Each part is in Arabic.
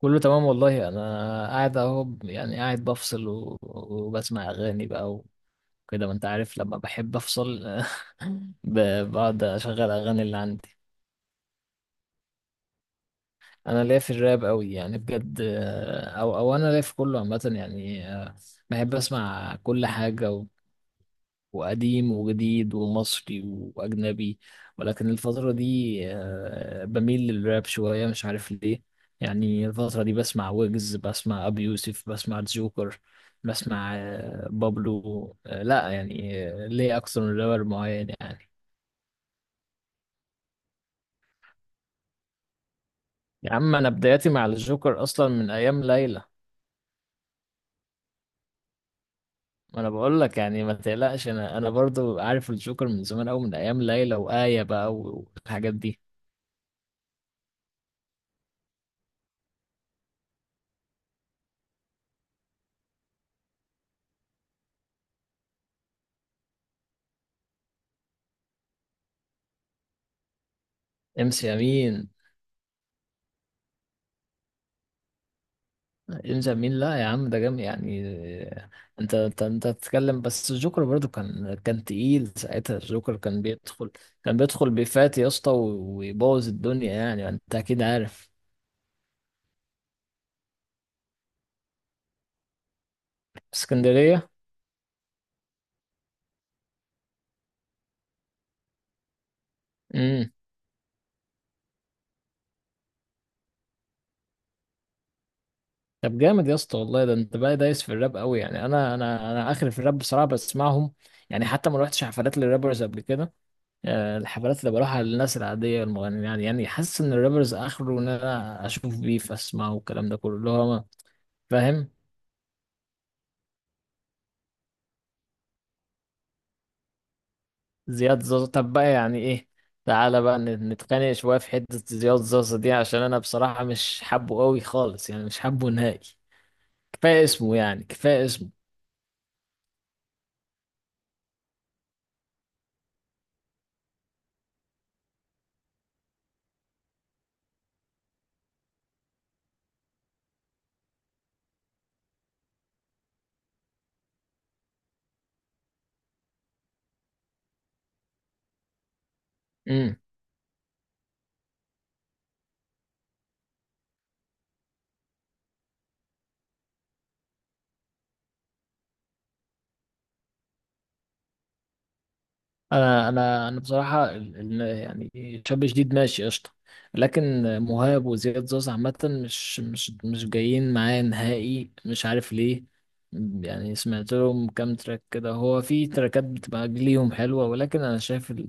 كله تمام والله. انا قاعد اهو، يعني قاعد بفصل وبسمع اغاني بقى وكده، ما انت عارف لما بحب افصل. بقعد اشغل اغاني اللي عندي. انا ليا في الراب قوي يعني بجد، او انا ليا في كله عامه يعني، بحب اسمع كل حاجه، وقديم وجديد ومصري وأجنبي. ولكن الفترة دي بميل للراب شوية، مش عارف ليه. يعني الفترة دي بسمع ويجز، بسمع أبي يوسف، بسمع جوكر، بسمع بابلو. لا يعني، ليه أكثر من رابر معين يعني. يا عم أنا بداياتي مع الجوكر أصلا من أيام ليلى. ما أنا بقول لك يعني ما تقلقش، أنا برضو عارف الجوكر من زمان أوي من أيام ليلى وآية بقى والحاجات دي. امس امين، يلجأ مين؟ لا يا عم، ده جامد يعني. انت بتتكلم، بس الجوكر برضو كان تقيل ساعتها. الجوكر كان بيدخل، كان بيدخل بيفات يا اسطى، ويبوظ الدنيا يعني. انت اكيد عارف. اسكندرية. امم طب جامد يا اسطى والله، ده انت بقى دايس في الراب قوي يعني. انا اخر في الراب بصراحة، بسمعهم يعني. حتى ما روحتش حفلات للرابرز قبل كده. الحفلات اللي بروحها للناس العادية المغنيين يعني حاسس ان الرابرز اخره ان انا اشوف بيف، اسمعه والكلام ده كله اللي هو. فاهم. زياد زازا، طب بقى يعني ايه؟ تعالى بقى نتخانق شوية في حتة زياد زازا دي، عشان انا بصراحة مش حابه قوي خالص يعني، مش حابه نهائي. كفاية اسمه يعني كفاية اسمه. انا بصراحه يعني شاب جديد ماشي قشطه، لكن مهاب وزياد زوز عامه مش جايين معايا نهائي، مش عارف ليه. يعني سمعت لهم كام تراك كده، هو في تراكات بتبقى ليهم حلوه، ولكن انا شايف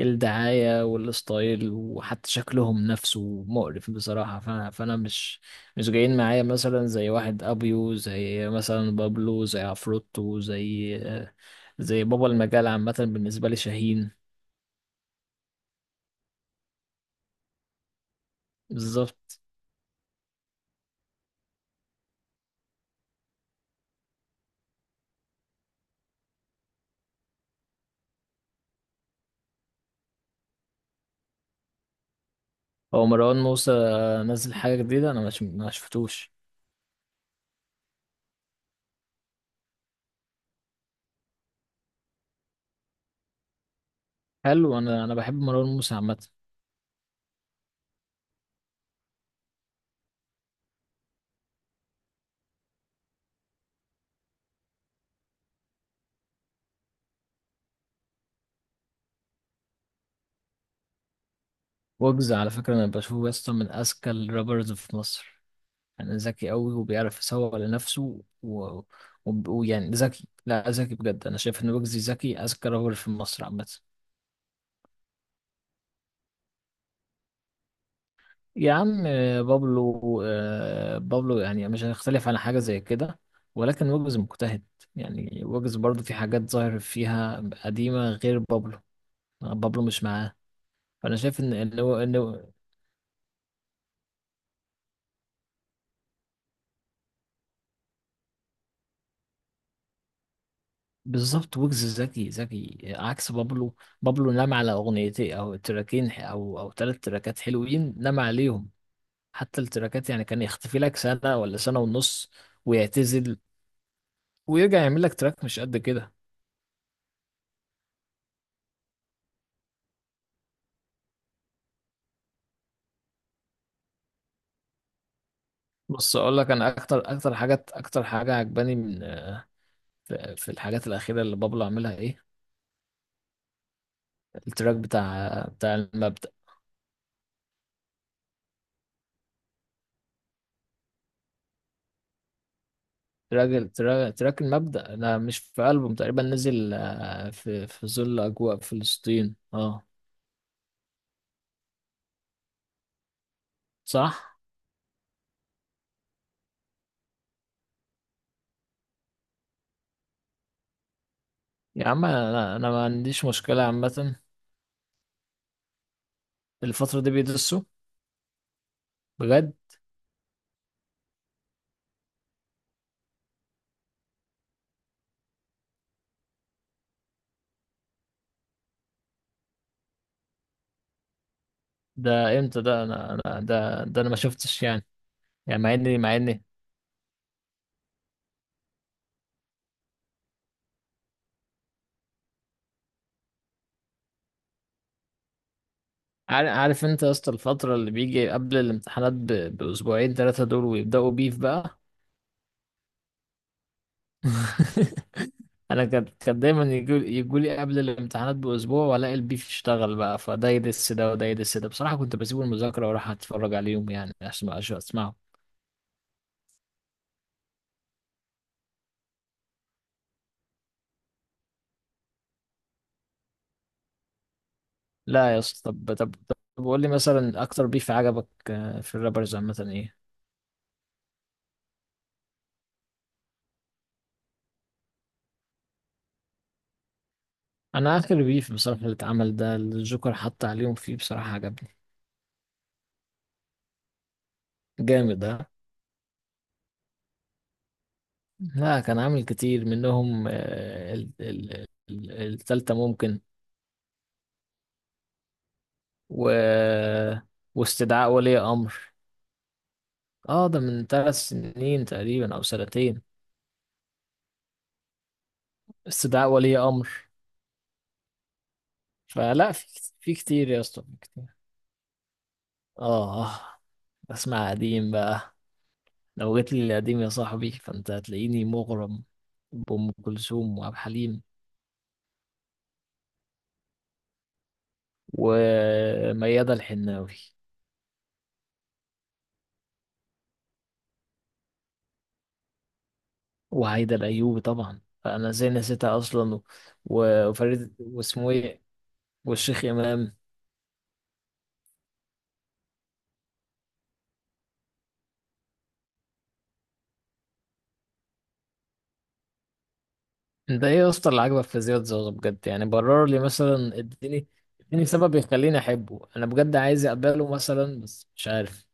الدعايه والستايل وحتى شكلهم نفسه مقرف بصراحه. فانا مش جايين معايا مثلا، زي واحد ابيو، زي مثلا بابلو، زي عفروتو، زي بابا المجال عامة بالنسبة لي، شاهين. بالظبط. هو مروان موسى نزل حاجة جديدة؟ أنا مش ما شفتوش. حلو، أنا بحب مروان موسى عامة. ويجز على فكرة أنا بشوفه يسطا من أذكى الرابرز في مصر. يعني ذكي أوي وبيعرف يسوق لنفسه ويعني ذكي، لا ذكي بجد. أنا شايف إن ويجز ذكي، أذكى رابر في مصر عامة. يا عم بابلو، بابلو يعني مش هنختلف على حاجة زي كده، ولكن ويجز مجتهد. يعني ويجز برضه في حاجات ظاهر فيها قديمة غير بابلو. بابلو مش معاه. فأنا شايف. بالظبط، ويجز ذكي ذكي عكس بابلو. بابلو نام على أغنيتين أو تراكين أو تلات تراكات حلوين نام عليهم. حتى التراكات يعني كان يختفي لك سنة ولا سنة ونص، ويعتزل، ويرجع يعمل لك تراك مش قد كده. بص اقول لك، انا اكتر حاجه عجباني من في الحاجات الاخيره اللي بابلو عاملها ايه. التراك بتاع المبدأ. تراك المبدأ، انا مش في ألبوم تقريبا، نزل في ظل اجواء فلسطين، اه. صح. يا عم انا ما عنديش مشكله عامه. الفتره دي بيدسوا بجد. ده امتى ده؟ انا انا ده انا ما شفتش يعني. يعني مع اني. عارف انت يا اسطى الفترة اللي بيجي قبل الامتحانات باسبوعين ثلاثة دول، ويبدأوا بيف بقى. انا كان دايما يجوا لي قبل الامتحانات باسبوع، والاقي البيف اشتغل بقى، فده يدس ده وده يدس ده. بصراحه كنت بسيب المذاكره واروح اتفرج عليهم يعني، عشان اسمعهم. لا يا اسطى، طب طب طب، قول لي مثلا اكتر بيف عجبك في الرابرز عامه ايه؟ انا اخر بيف بصراحه اللي اتعمل ده، اللي الجوكر حط عليهم فيه، بصراحه عجبني. جامد ده. لا كان عامل كتير منهم، التالتة ممكن. و واستدعاء ولي امر. اه ده من 3 سنين تقريبا او سنتين. استدعاء ولي امر. فلا في كتير يا اسطى، في كتير. اه بسمع قديم بقى. لو جيت لي القديم يا صاحبي فانت هتلاقيني مغرم بأم كلثوم وعبد الحليم وميادة الحناوي وهيدا الأيوبي طبعا، فأنا ازاي نسيتها أصلا. وفريد واسمه ايه، والشيخ إمام. انت ايه يا اسطى اللي عاجبك في زياد زوزو بجد يعني؟ برر لي مثلا، اديني اديني سبب يخليني احبه، انا بجد عايز اقبله مثلا بس مش عارف.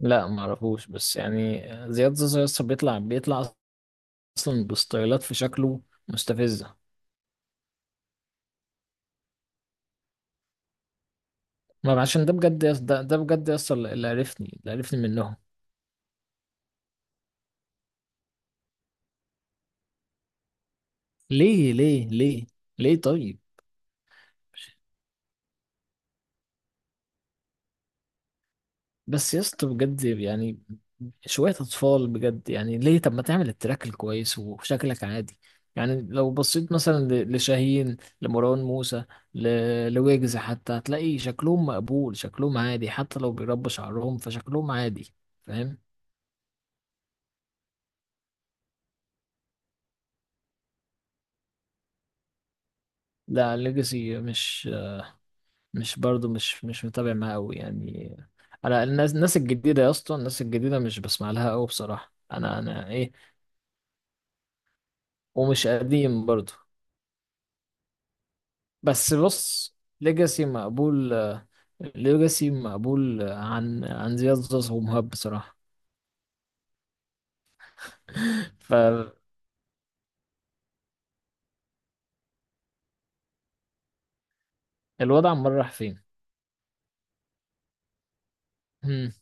لا ما اعرفوش بس يعني. زياد زوزو يا اسطى بيطلع بيطلع اصلا بستايلات في شكله مستفزه. ما عشان ده بجد يا اسطى، ده بجد يا اسطى اللي عرفني منهم. ليه ليه ليه؟ ليه طيب؟ بس يا اسطى بجد يعني، شوية أطفال بجد يعني. ليه؟ طب ما تعمل التراك الكويس وشكلك عادي. يعني لو بصيت مثلا لشاهين، لمروان موسى، لويجز، حتى هتلاقي شكلهم مقبول، شكلهم عادي حتى لو بيربوا شعرهم فشكلهم عادي. فاهم. لا ليجاسي مش برضو مش متابع معاه أوي يعني. أنا الناس الجديدة يا اسطى، الناس الجديدة مش بسمع لها أوي بصراحة. أنا إيه؟ ومش قديم برضو. بس بص، ليجاسي مقبول، ليجاسي مقبول عن زياد زوز ومهاب بصراحة. فالوضع عمال راح فين؟ مم.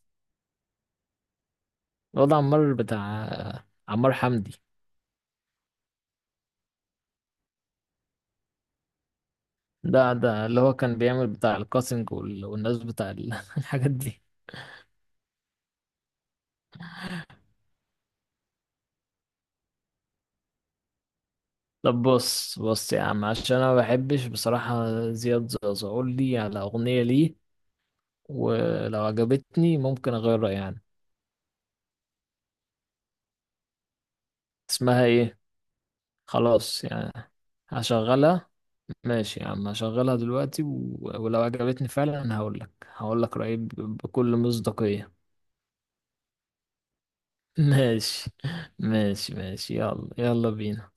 الوضع عمال بتاع. عمار حمدي. ده اللي هو كان بيعمل بتاع الكاسنج والناس بتاع الحاجات دي. طب بص بص يا عم، عشان انا ما بحبش بصراحة زياد زوز، قول لي على اغنية ليه، ولو عجبتني ممكن اغير رأيي يعني. اسمها ايه؟ خلاص يعني هشغلها. ماشي يا عم هشغلها دلوقتي، ولو عجبتني فعلا هقول لك رأيي بكل مصداقية. ماشي ماشي ماشي، يلا يلا بينا.